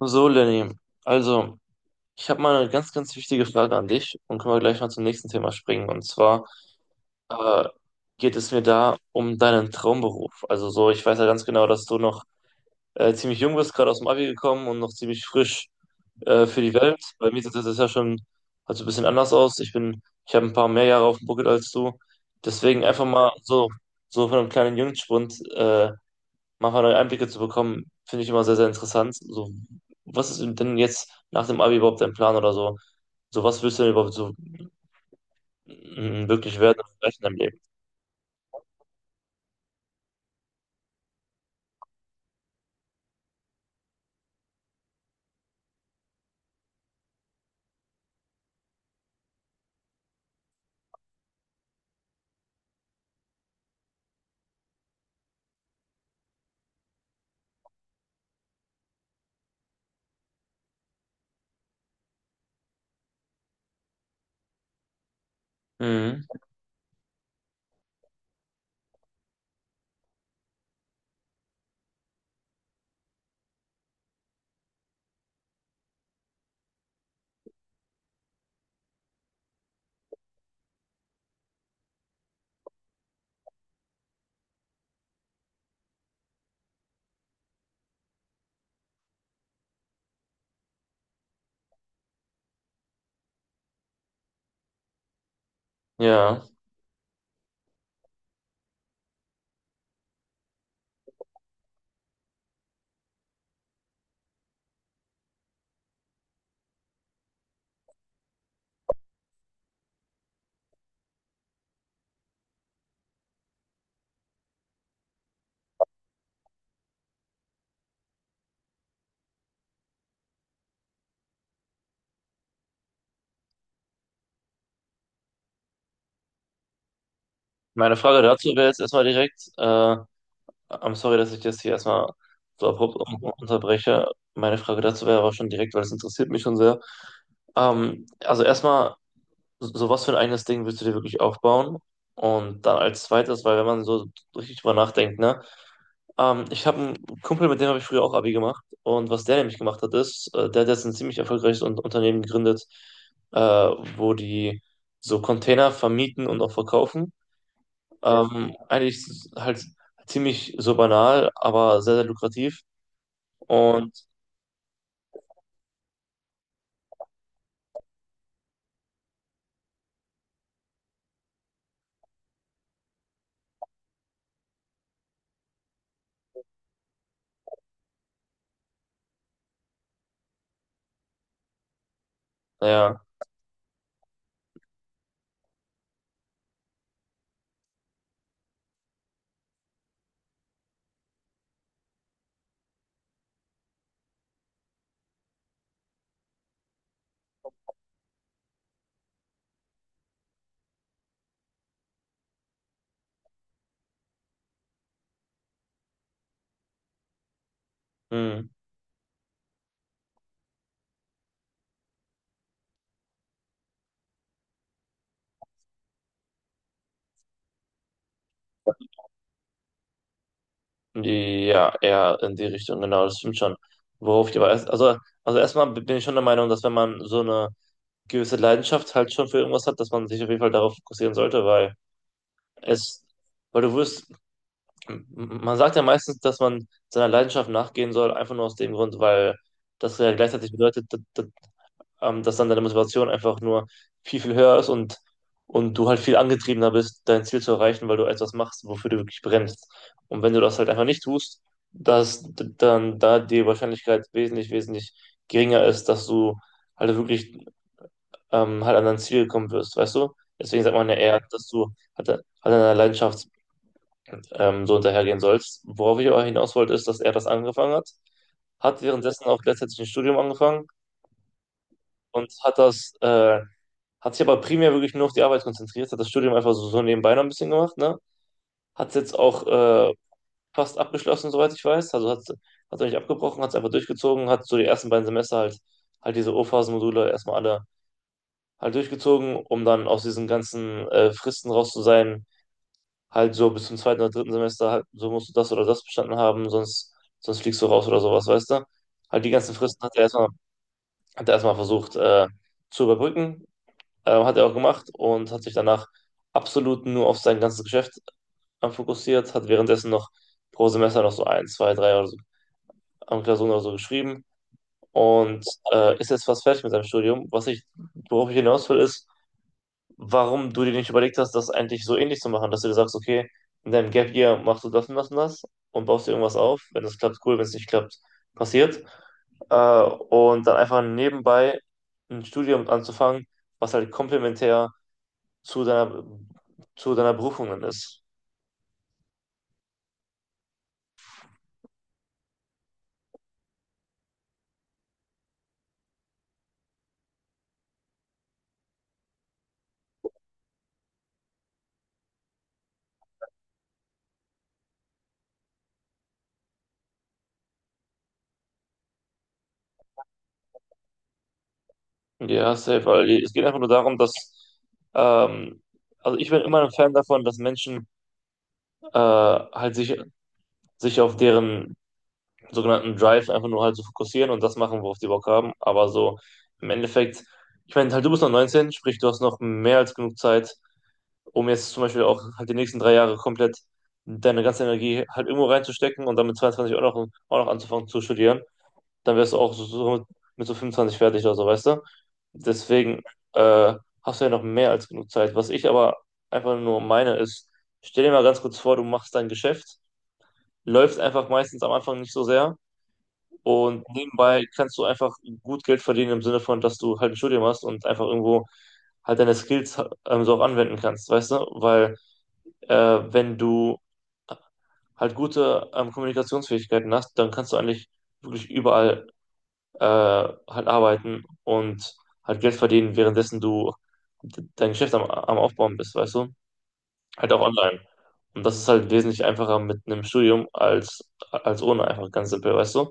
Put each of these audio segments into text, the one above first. So, Lenny, also ich habe mal eine ganz, ganz wichtige Frage an dich und können wir gleich mal zum nächsten Thema springen. Und zwar äh, geht es mir da um deinen Traumberuf. Also so, ich weiß ja ganz genau, dass du noch ziemlich jung bist, gerade aus dem Abi gekommen und noch ziemlich frisch für die Welt. Bei mir sieht das jetzt ja schon also ein bisschen anders aus. Ich habe ein paar mehr Jahre auf dem Buckel als du. Deswegen einfach mal so, so von einem kleinen Jungspund manchmal neue Einblicke zu bekommen, finde ich immer sehr, sehr interessant. So, was ist denn jetzt nach dem Abi überhaupt dein Plan oder so? So, was willst du denn überhaupt so wirklich werden und erreichen im Leben? Mhm, ja. Meine Frage dazu wäre jetzt erstmal direkt, I'm sorry, dass ich das hier erstmal so abrupt unterbreche. Meine Frage dazu wäre aber schon direkt, weil es interessiert mich schon sehr. Also erstmal, so, so was für ein eigenes Ding willst du dir wirklich aufbauen? Und dann als zweites, weil wenn man so richtig drüber nachdenkt, ne? Ich habe einen Kumpel, mit dem habe ich früher auch Abi gemacht. Und was der nämlich gemacht hat, ist, der hat jetzt ein ziemlich erfolgreiches Un Unternehmen gegründet, wo die so Container vermieten und auch verkaufen. Ja. Eigentlich ist es halt ziemlich so banal, aber sehr, sehr lukrativ. Und naja, hm. Ja, eher in die Richtung, genau, das stimmt schon. Worauf ich aber erst, Also erstmal bin ich schon der Meinung, dass wenn man so eine gewisse Leidenschaft halt schon für irgendwas hat, dass man sich auf jeden Fall darauf fokussieren sollte, es, weil m- man sagt ja meistens, dass man seiner Leidenschaft nachgehen soll, einfach nur aus dem Grund, weil das ja gleichzeitig bedeutet, dass dann deine Motivation einfach nur viel, viel höher ist und du halt viel angetriebener bist, dein Ziel zu erreichen, weil du etwas machst, wofür du wirklich brennst. Und wenn du das halt einfach nicht tust, dass dann da die Wahrscheinlichkeit wesentlich, wesentlich geringer ist, dass du halt wirklich halt an dein Ziel gekommen wirst, weißt du? Deswegen sagt man ja eher, dass du halt an deiner Leidenschaft so hinterhergehen sollst. Worauf ich aber hinaus wollte, ist, dass er das angefangen hat, hat währenddessen auch gleichzeitig ein Studium angefangen und hat sich aber primär wirklich nur auf die Arbeit konzentriert, hat das Studium einfach so, so nebenbei noch ein bisschen gemacht, ne? Hat es jetzt auch fast abgeschlossen, soweit ich weiß. Also hat es nicht abgebrochen, hat es einfach durchgezogen, hat so die ersten beiden Semester halt diese O-Phasen-Module erstmal alle halt durchgezogen, um dann aus diesen ganzen Fristen raus zu sein. Halt so bis zum zweiten oder dritten Semester, halt, so musst du das oder das bestanden haben, sonst fliegst du raus oder sowas, weißt du? Halt die ganzen Fristen hat er erstmal, Hat er erstmal versucht zu überbrücken. Hat er auch gemacht und hat sich danach absolut nur auf sein ganzes Geschäft fokussiert, hat währenddessen noch pro Semester noch so ein, zwei, drei oder so, an Klausuren oder so geschrieben und ist jetzt fast fertig mit seinem Studium. Worauf ich hinaus will, ist, warum du dir nicht überlegt hast, das eigentlich so ähnlich zu machen, dass du dir sagst, okay, in deinem Gap Year machst du das und das und das und baust dir irgendwas auf. Wenn das klappt, cool, wenn es nicht klappt, passiert. Und dann einfach nebenbei ein Studium anzufangen, was halt komplementär zu deiner, zu deiner Berufung dann ist. Ja, safe, weil es geht einfach nur darum, dass, ähm, also ich bin immer ein Fan davon, dass Menschen halt sich auf deren sogenannten Drive einfach nur halt so fokussieren und das machen, worauf die Bock haben. Aber so im Endeffekt, ich meine, halt du bist noch 19, sprich, du hast noch mehr als genug Zeit, um jetzt zum Beispiel auch halt die nächsten drei Jahre komplett deine ganze Energie halt irgendwo reinzustecken und dann mit 22 auch noch anzufangen zu studieren. Dann wärst du auch so, so mit so 25 fertig oder so, weißt du? Deswegen äh, hast du ja noch mehr als genug Zeit. Was ich aber einfach nur meine ist, stell dir mal ganz kurz vor, du machst dein Geschäft, läufst einfach meistens am Anfang nicht so sehr und nebenbei kannst du einfach gut Geld verdienen im Sinne von, dass du halt ein Studium hast und einfach irgendwo halt deine Skills so auch anwenden kannst, weißt du? Weil äh, wenn du halt gute Kommunikationsfähigkeiten hast, dann kannst du eigentlich wirklich überall äh, halt arbeiten und halt Geld verdienen, währenddessen du dein Geschäft am, am Aufbauen bist, weißt du? Halt auch online. Und das ist halt wesentlich einfacher mit einem Studium als, als ohne, einfach ganz simpel, weißt du?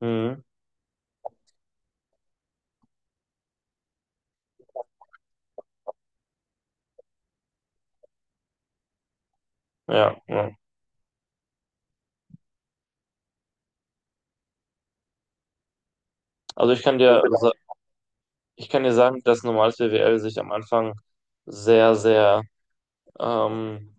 Mhm. Ja, ja. Also ich kann dir, sa- Ich kann dir sagen, dass normales BWL sich am Anfang sehr, sehr ähm,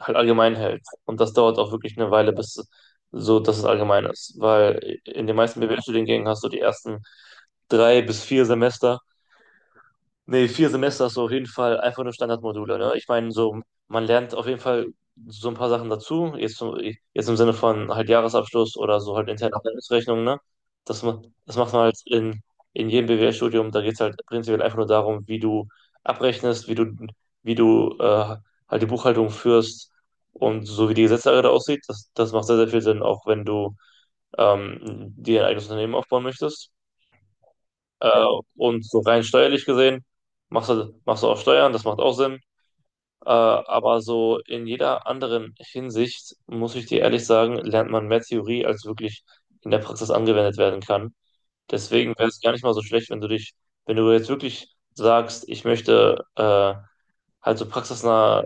halt allgemein hält. Und das dauert auch wirklich eine Weile, bis so, dass es allgemein ist. Weil in den meisten BWL-Studiengängen hast du die ersten drei bis vier Semester. Nee, vier Semester ist so auf jeden Fall einfach nur Standardmodule, ne? Ich meine, so, man lernt auf jeden Fall so ein paar Sachen dazu, jetzt, jetzt im Sinne von halt Jahresabschluss oder so halt interne Abteilungsrechnung, ne? Das macht man halt in jedem BWL-Studium, da geht es halt prinzipiell einfach nur darum, wie du abrechnest, wie du halt die Buchhaltung führst und so wie die Gesetzlage da aussieht, das macht sehr, sehr viel Sinn, auch wenn du ähm, dir ein eigenes Unternehmen aufbauen möchtest. Äh, und so rein steuerlich gesehen machst du auch Steuern, das macht auch Sinn. Aber so in jeder anderen Hinsicht, muss ich dir ehrlich sagen, lernt man mehr Theorie, als wirklich in der Praxis angewendet werden kann. Deswegen wäre es gar nicht mal so schlecht, wenn du jetzt wirklich sagst, ich möchte halt so praxisnah,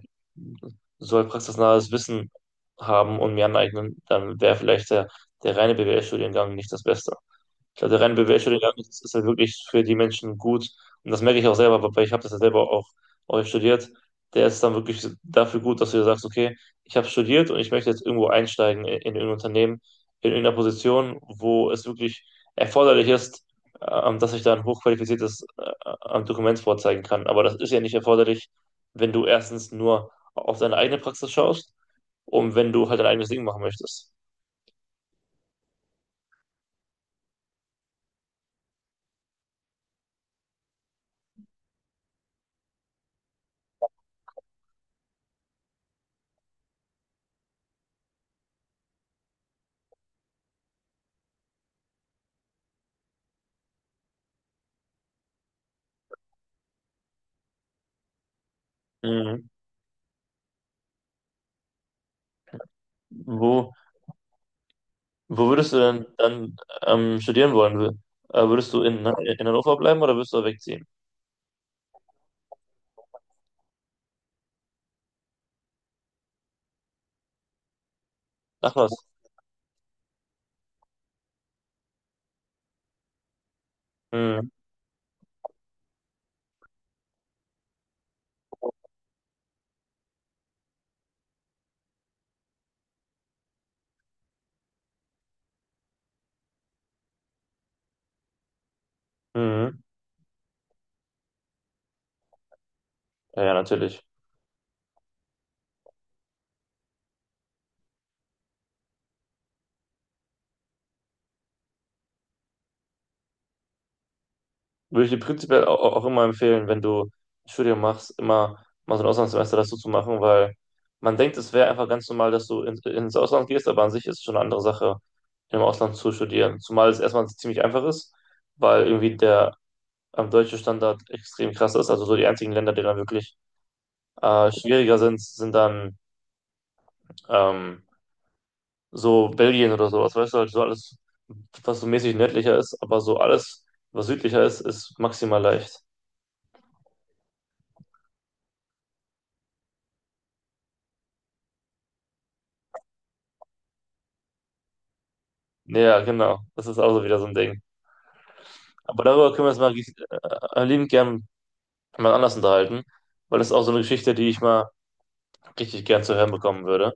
so halt praxisnahes Wissen haben und mir aneignen, dann wäre vielleicht der reine BWL-Studiengang nicht das Beste. Ich glaube, der reine Bachelorgang ist halt wirklich für die Menschen gut. Und das merke ich auch selber, weil ich habe das ja selber auch, auch studiert. Der ist dann wirklich dafür gut, dass du dir sagst, okay, ich habe studiert und ich möchte jetzt irgendwo einsteigen in irgendein Unternehmen, in irgendeiner Position, wo es wirklich erforderlich ist, dass ich da ein hochqualifiziertes Dokument vorzeigen kann. Aber das ist ja nicht erforderlich, wenn du erstens nur auf deine eigene Praxis schaust und wenn du halt dein eigenes Ding machen möchtest. Mhm. Wo, Wo würdest du denn dann studieren wollen? Würdest du in, ne, in Hannover bleiben oder würdest du wegziehen? Ach was. Mhm. Mhm. Ja, ja, natürlich. Würde ich dir prinzipiell auch, auch immer empfehlen, wenn du ein Studium machst, immer mal so ein Auslandssemester dazu zu machen, weil man denkt, es wäre einfach ganz normal, dass du in, ins Ausland gehst, aber an sich ist es schon eine andere Sache, im Ausland zu studieren. Zumal es erstmal ziemlich einfach ist, weil irgendwie der deutsche Standard extrem krass ist. Also so die einzigen Länder, die dann wirklich schwieriger sind, sind dann. Ähm, so Belgien oder sowas, weißt du, halt so alles, was so mäßig nördlicher ist, aber so alles, was südlicher ist, ist maximal leicht. Ja, genau, das ist auch so wieder so ein Ding. Aber darüber können wir uns mal liebend gern mal anders unterhalten, weil das ist auch so eine Geschichte, die ich mal richtig gern zu hören bekommen würde.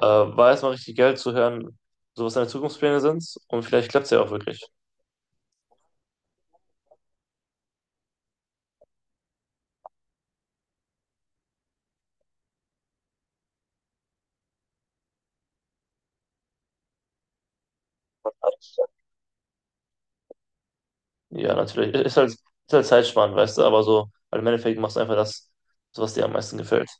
War erstmal richtig geil zu hören, so was deine Zukunftspläne sind und vielleicht klappt es ja auch wirklich. Ja, natürlich. Ist halt zeitspannend, weißt du, aber so, weil im Endeffekt machst du einfach das, was dir am meisten gefällt.